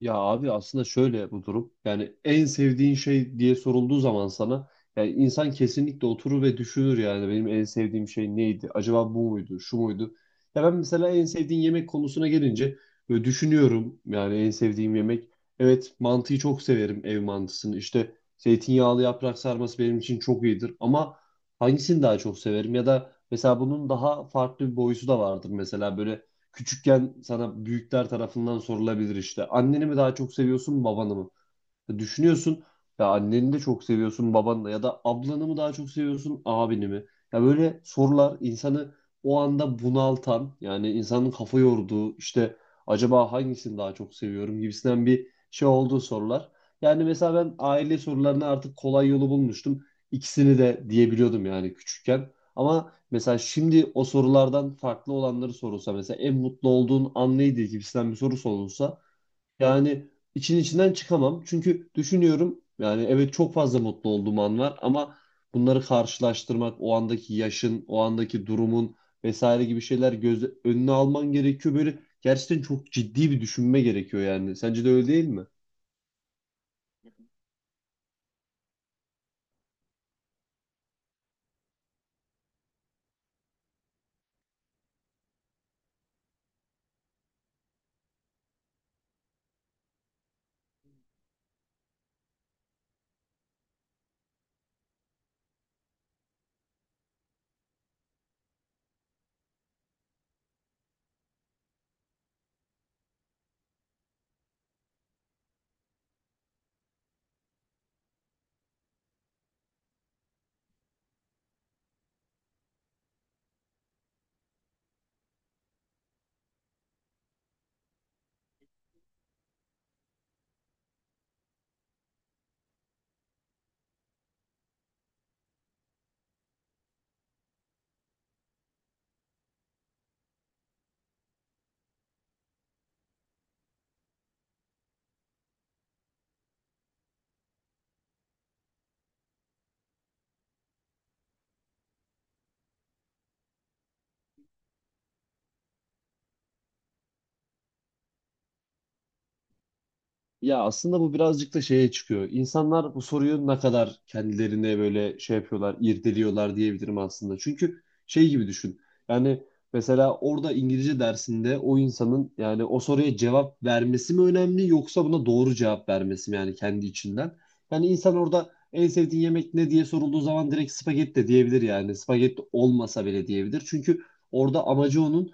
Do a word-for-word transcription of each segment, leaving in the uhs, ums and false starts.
Ya abi aslında şöyle bu durum. Yani en sevdiğin şey diye sorulduğu zaman sana yani insan kesinlikle oturur ve düşünür, yani benim en sevdiğim şey neydi? Acaba bu muydu? Şu muydu? Ya ben mesela en sevdiğin yemek konusuna gelince böyle düşünüyorum, yani en sevdiğim yemek. Evet, mantıyı çok severim, ev mantısını. İşte zeytinyağlı yaprak sarması benim için çok iyidir, ama hangisini daha çok severim ya da mesela bunun daha farklı bir boyusu da vardır mesela. Böyle küçükken sana büyükler tarafından sorulabilir işte: anneni mi daha çok seviyorsun, babanı mı? Düşünüyorsun, ya anneni de çok seviyorsun, babanla ya da ablanı mı daha çok seviyorsun, abini mi? Ya böyle sorular insanı o anda bunaltan, yani insanın kafa yorduğu, işte acaba hangisini daha çok seviyorum gibisinden bir şey olduğu sorular. Yani mesela ben aile sorularını artık kolay yolu bulmuştum. İkisini de diyebiliyordum, yani küçükken. Ama mesela şimdi o sorulardan farklı olanları sorulsa, mesela en mutlu olduğun an neydi gibisinden bir soru sorulsa, yani için içinden çıkamam. Çünkü düşünüyorum, yani evet, çok fazla mutlu olduğum an var, ama bunları karşılaştırmak, o andaki yaşın, o andaki durumun vesaire gibi şeyler göz önüne alman gerekiyor. Böyle gerçekten çok ciddi bir düşünme gerekiyor yani. Sence de öyle değil mi? Ya aslında bu birazcık da şeye çıkıyor. İnsanlar bu soruyu ne kadar kendilerine böyle şey yapıyorlar, irdeliyorlar diyebilirim aslında. Çünkü şey gibi düşün. Yani mesela orada İngilizce dersinde o insanın, yani o soruya cevap vermesi mi önemli yoksa buna doğru cevap vermesi mi, yani kendi içinden? Yani insan orada en sevdiğin yemek ne diye sorulduğu zaman direkt spagetti de diyebilir yani. Spagetti olmasa bile diyebilir. Çünkü orada amacı onun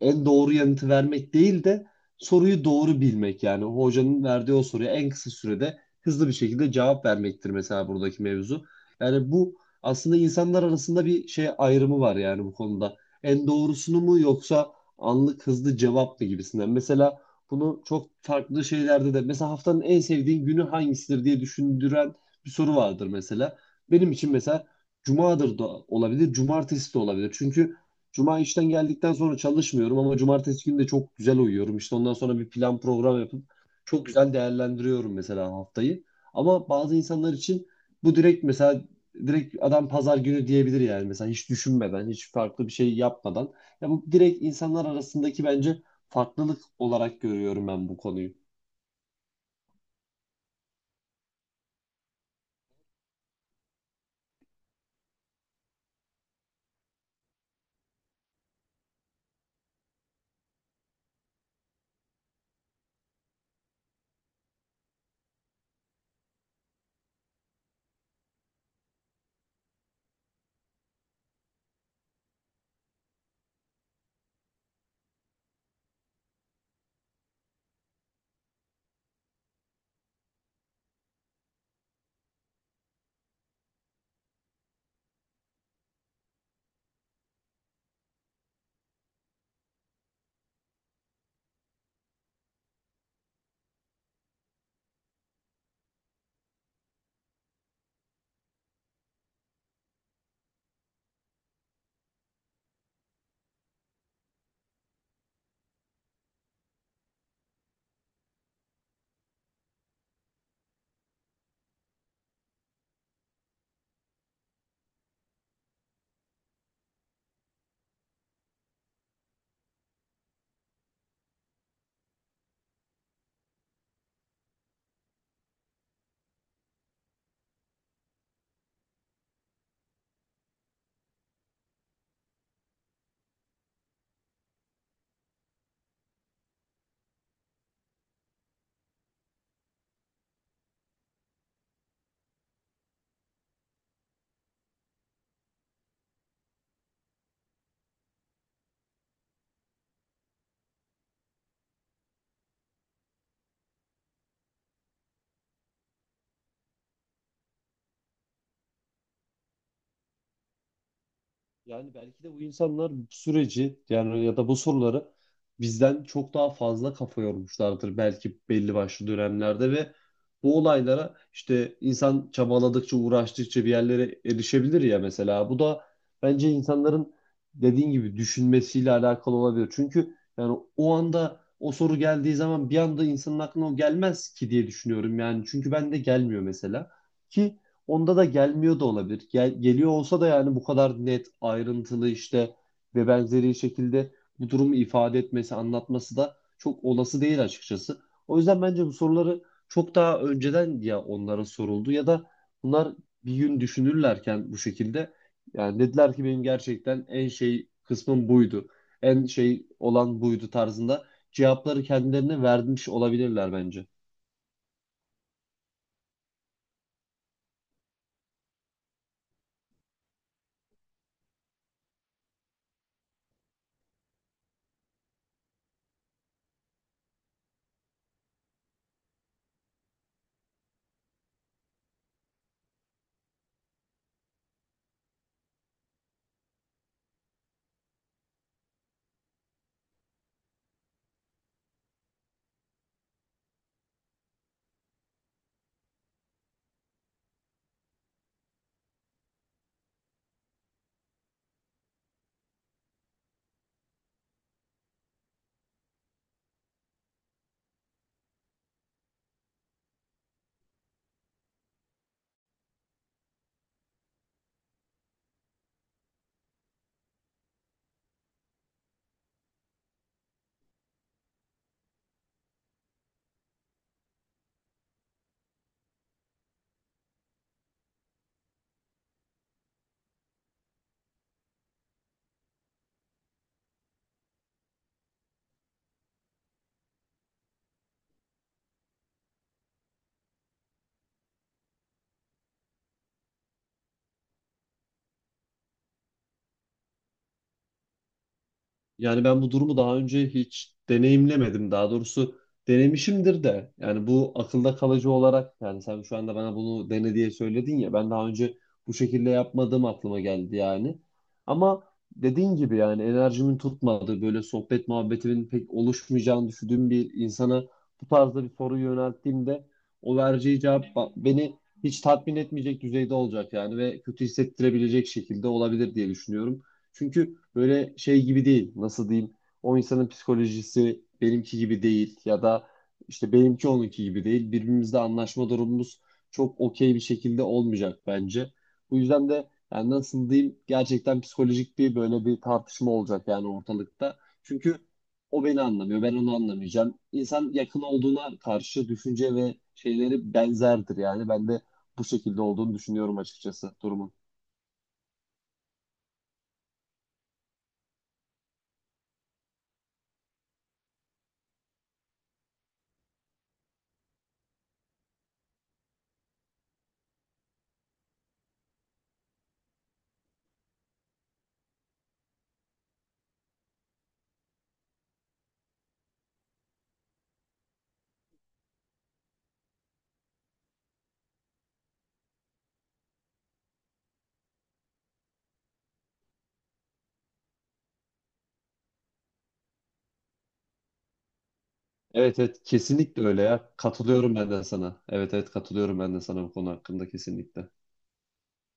en doğru yanıtı vermek değil de soruyu doğru bilmek, yani hocanın verdiği o soruya en kısa sürede hızlı bir şekilde cevap vermektir mesela buradaki mevzu. Yani bu aslında insanlar arasında bir şey ayrımı var yani bu konuda. En doğrusunu mu yoksa anlık hızlı cevap mı gibisinden. Mesela bunu çok farklı şeylerde de, mesela haftanın en sevdiğin günü hangisidir diye düşündüren bir soru vardır mesela. Benim için mesela cumadır da olabilir, cumartesi de olabilir. Çünkü cuma işten geldikten sonra çalışmıyorum, ama cumartesi günü de çok güzel uyuyorum. İşte ondan sonra bir plan program yapıp çok güzel değerlendiriyorum mesela haftayı. Ama bazı insanlar için bu direkt, mesela direkt adam pazar günü diyebilir yani, mesela hiç düşünmeden, hiç farklı bir şey yapmadan. Ya bu direkt insanlar arasındaki, bence farklılık olarak görüyorum ben bu konuyu. Yani belki de bu insanlar bu süreci, yani ya da bu soruları bizden çok daha fazla kafa yormuşlardır belki belli başlı dönemlerde, ve bu olaylara işte insan çabaladıkça, uğraştıkça bir yerlere erişebilir ya mesela. Bu da bence insanların dediğin gibi düşünmesiyle alakalı olabilir. Çünkü yani o anda o soru geldiği zaman bir anda insanın aklına o gelmez ki diye düşünüyorum yani. Çünkü ben de gelmiyor mesela. Ki onda da gelmiyor da olabilir. Gel, geliyor olsa da, yani bu kadar net, ayrıntılı, işte ve benzeri şekilde bu durumu ifade etmesi, anlatması da çok olası değil açıkçası. O yüzden bence bu soruları çok daha önceden ya onlara soruldu, ya da bunlar bir gün düşünürlerken bu şekilde, yani dediler ki benim gerçekten en şey kısmım buydu. En şey olan buydu tarzında cevapları kendilerine vermiş olabilirler bence. Yani ben bu durumu daha önce hiç deneyimlemedim. Daha doğrusu, denemişimdir de. Yani bu akılda kalıcı olarak, yani sen şu anda bana bunu dene diye söyledin ya. Ben daha önce bu şekilde yapmadığım aklıma geldi yani. Ama dediğin gibi, yani enerjimin tutmadığı, böyle sohbet muhabbetimin pek oluşmayacağını düşündüğüm bir insana bu tarzda bir soru yönelttiğimde, o vereceği cevap ba- beni hiç tatmin etmeyecek düzeyde olacak yani, ve kötü hissettirebilecek şekilde olabilir diye düşünüyorum. Çünkü böyle şey gibi değil. Nasıl diyeyim? O insanın psikolojisi benimki gibi değil, ya da işte benimki onunki gibi değil. Birbirimizle anlaşma durumumuz çok okey bir şekilde olmayacak bence. Bu yüzden de yani nasıl diyeyim? Gerçekten psikolojik bir böyle bir tartışma olacak yani ortalıkta. Çünkü o beni anlamıyor, ben onu anlamayacağım. İnsan yakın olduğuna karşı düşünce ve şeyleri benzerdir yani. Ben de bu şekilde olduğunu düşünüyorum açıkçası durumun. Evet, evet, kesinlikle öyle ya. Katılıyorum ben de sana. Evet, evet, katılıyorum ben de sana bu konu hakkında kesinlikle.